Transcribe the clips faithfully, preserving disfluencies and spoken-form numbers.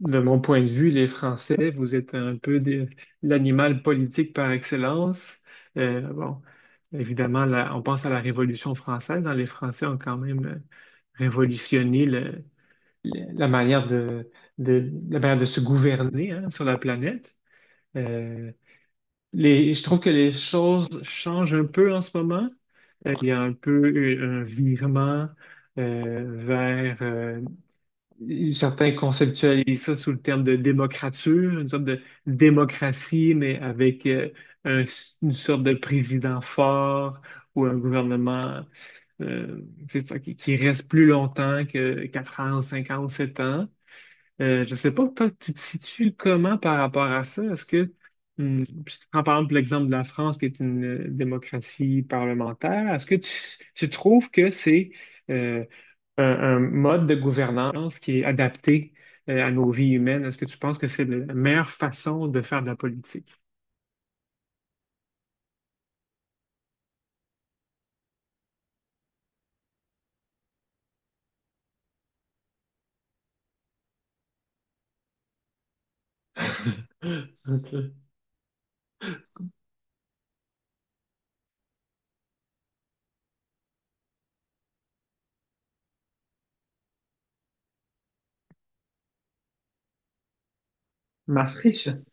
De mon point de vue, les Français, vous êtes un peu des- l'animal politique par excellence. Euh, bon, Évidemment, là, on pense à la Révolution française, hein. Les Français ont quand même euh, révolutionné le- le- la manière de, de- la manière de se gouverner, hein, sur la planète. Euh, les- je trouve que les choses changent un peu en ce moment. Euh, il y a un peu eu un virement euh, vers euh, certains conceptualisent ça sous le terme de démocrature, une sorte de démocratie, mais avec euh, un- une sorte de président fort ou un gouvernement euh, c'est ça, qui, qui reste plus longtemps que quatre ans, cinq ans ou sept ans. Euh, je ne sais pas, toi, tu te situes comment par rapport à ça? Est-ce que, hum, je te prends par exemple l'exemple de la France, qui est une euh, démocratie parlementaire, est-ce que tu, tu trouves que c'est euh, un, un mode de gouvernance qui est adapté euh, à nos vies humaines? Est-ce que tu penses que c'est la meilleure façon de faire de la politique? Ok. Ma friche.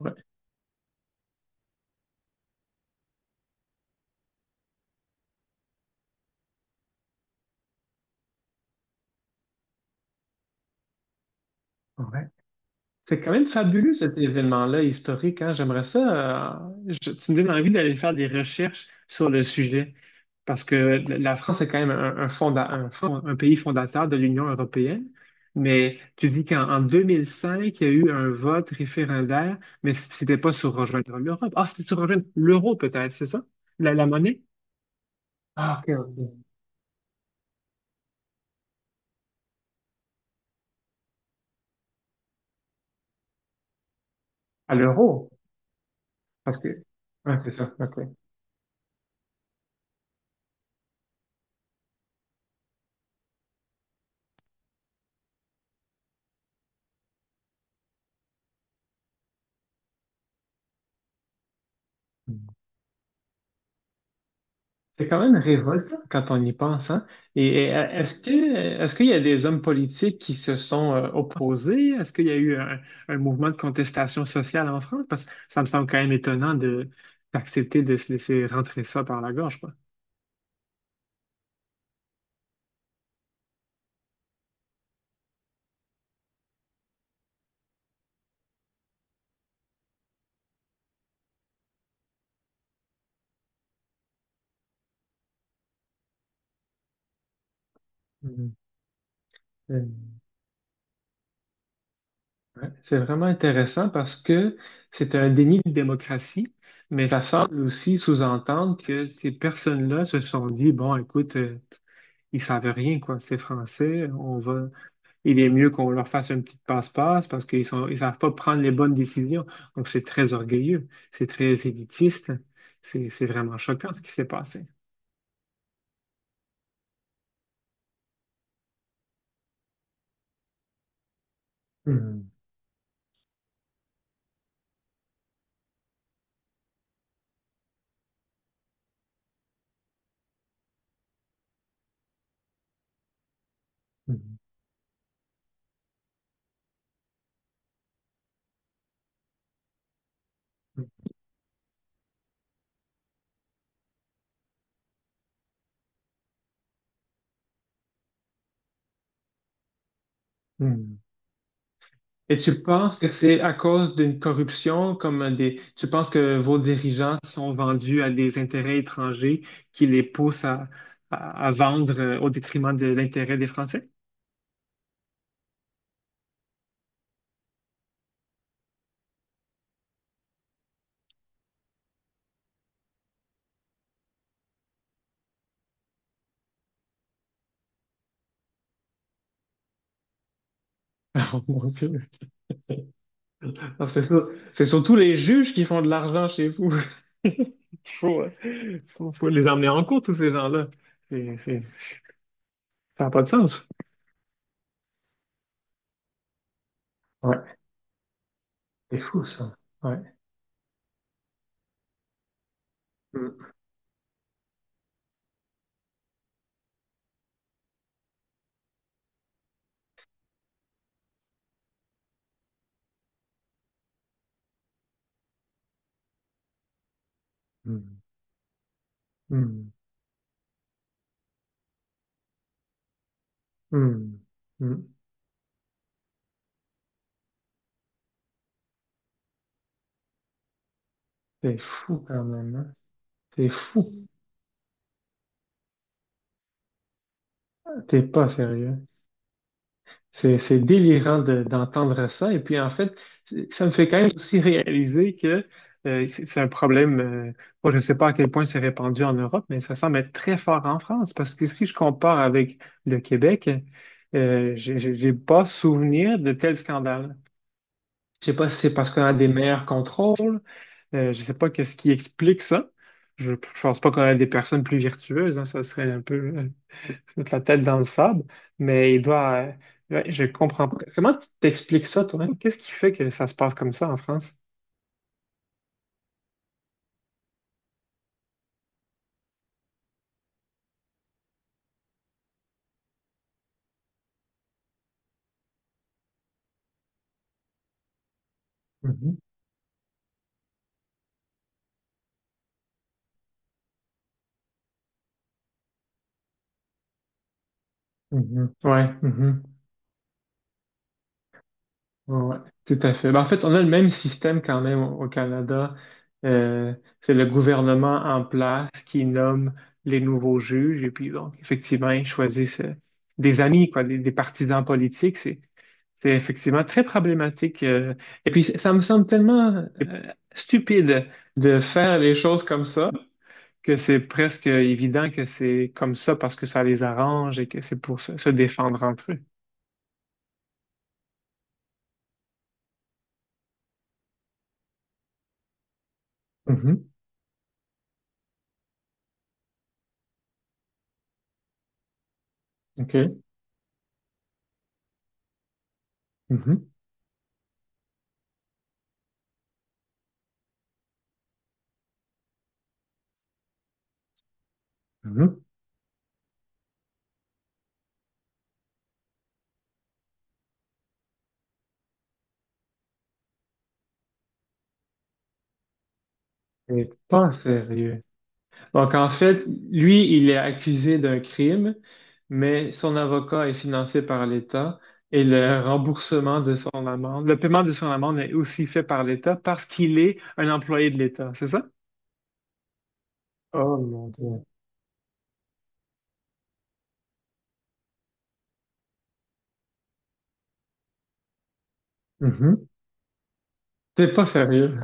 Ouais. Ouais. C'est quand même fabuleux cet événement-là historique, hein. J'aimerais ça. Euh, je- tu me donnes envie d'aller faire des recherches sur le sujet, parce que la la France est quand même un, un, fonda- un fond- un pays fondateur de l'Union européenne. Mais tu dis qu'en en deux mille cinq, il y a eu un vote référendaire, mais c'était pas sur rejoindre l'Europe. Ah, c'était sur rejoindre l'euro peut-être, c'est ça? La, la monnaie? Ah, ok, ok. À l'euro, parce que. Ah, c'est ça, ok. C'est quand même révoltant quand on y pense, hein? Et et, euh, est-ce que est-ce qu'il y a des hommes politiques qui se sont euh, opposés? Est-ce qu'il y a eu un, un mouvement de contestation sociale en France? Parce que ça me semble quand même étonnant de d'accepter de se laisser rentrer ça par la gorge, quoi. Mm. Euh, ouais. C'est vraiment intéressant parce que c'est un déni de démocratie, mais ça semble aussi sous-entendre que ces personnes-là se sont dit, bon, écoute, euh, ils savent rien, quoi, c'est français, on va il est mieux qu'on leur fasse une petite passe-passe parce qu'ils sont, ils savent pas prendre les bonnes décisions. Donc, c'est très orgueilleux, c'est très élitiste. C'est, c'est vraiment choquant ce qui s'est passé. Mhm. Mhm. Mhm. Et tu penses que c'est à cause d'une corruption, comme des, tu penses que vos dirigeants sont vendus à des intérêts étrangers qui les poussent à, à- à vendre euh, au détriment de l'intérêt des Français? Mon Dieu. Non, C'est sur- c'est surtout les juges qui font de l'argent chez vous. Il faut, euh, faut, faut les emmener en cours, tous ces gens-là. C'est, c'est- ça n'a pas de sens. Ouais, c'est fou, ça. Ouais. Mm. Mm. Mm. Mm. Mm. C'est fou quand même, hein. C'est fou. T'es pas sérieux. C'est, c'est délirant de- d'entendre ça. Et puis, en fait, ça me fait quand même aussi réaliser que euh, c'est c'est un problème. Euh, moi, je ne sais pas à quel point c'est répandu en Europe, mais ça semble être très fort en France. Parce que si je compare avec le Québec, euh, j'ai j'ai- j'ai pas souvenir de tel scandale. Je sais pas si c'est parce qu'on a des meilleurs contrôles. Euh, je ne sais pas qu'est-ce qui explique ça. Je ne pense pas qu'on a des personnes plus vertueuses, hein, ça serait un peu. Euh, se mettre la tête dans le sable, mais il doit. Euh, ouais, je comprends pas. Comment tu t'expliques ça, toi, hein? Qu'est-ce qui fait que ça se passe comme ça en France? Mhm, mhm. Ouais, mhm. Ouais, ouais, tout à fait. Ben, en fait, on a le même système quand même au au Canada. Euh, c'est le gouvernement en place qui nomme les nouveaux juges et puis donc effectivement ils choisissent euh, des amis, quoi, des, des partisans politiques. C'est c'est effectivement très problématique. euh. Et puis ça me semble tellement euh, stupide de faire les choses comme ça que c'est presque évident que c'est comme ça parce que ça les arrange et que c'est pour se, se défendre entre eux. Mhm. OK. Mhm. Mhm. C'est pas sérieux. Donc, en fait, lui, il est accusé d'un crime, mais son avocat est financé par l'État et le remboursement de son amende, le paiement de son amende est aussi fait par l'État parce qu'il est un employé de l'État, c'est ça? Oh mon Dieu. Mhm. C'est pas sérieux.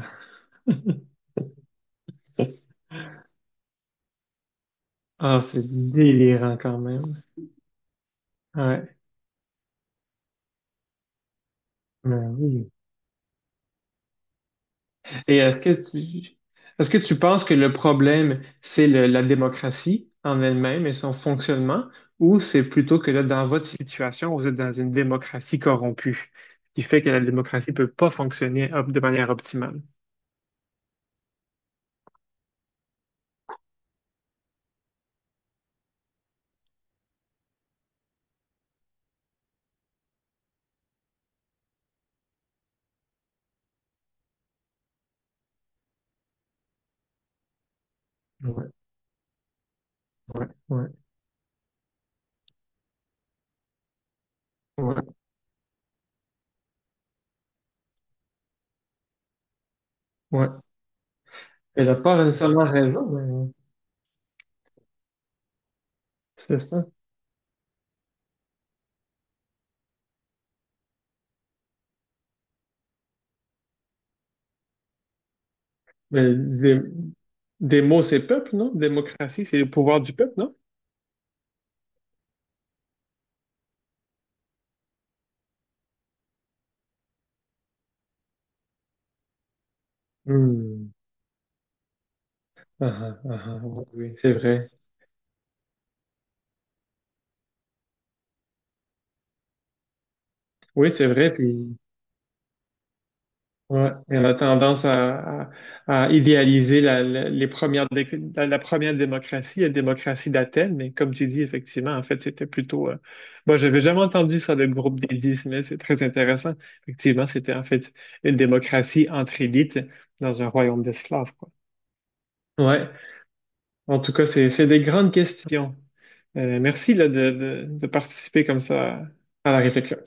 Ah, c'est délirant quand même. Ouais. Mais oui. Et est-ce que tu est-ce que tu penses que le problème, c'est le- la démocratie en elle-même et son fonctionnement, ou c'est plutôt que là, dans votre situation, vous êtes dans une démocratie corrompue, ce qui fait que la démocratie peut pas fonctionner op- de manière optimale? Ouais, ouais, ouais, ouais, ouais. Elle n'a pas nécessairement raison, mais c'est ça. Mais des, des mots, c'est peuple, non? Démocratie, c'est le pouvoir du peuple, non? Hmm. Ah, ah, ah, ah, oui, c'est vrai. Oui, c'est vrai, puis ouais, et on a tendance à, à- à idéaliser la, la- les premières dé- la, la première démocratie, la démocratie d'Athènes, mais comme tu dis, effectivement, en fait, c'était plutôt... euh, moi, j'avais jamais entendu ça, le groupe des dix, mais c'est très intéressant. Effectivement, c'était en fait une démocratie entre élites dans un royaume d'esclaves, quoi. Ouais, en tout cas, c'est, c'est des grandes questions. Euh, merci là, de, de de participer comme ça à la réflexion.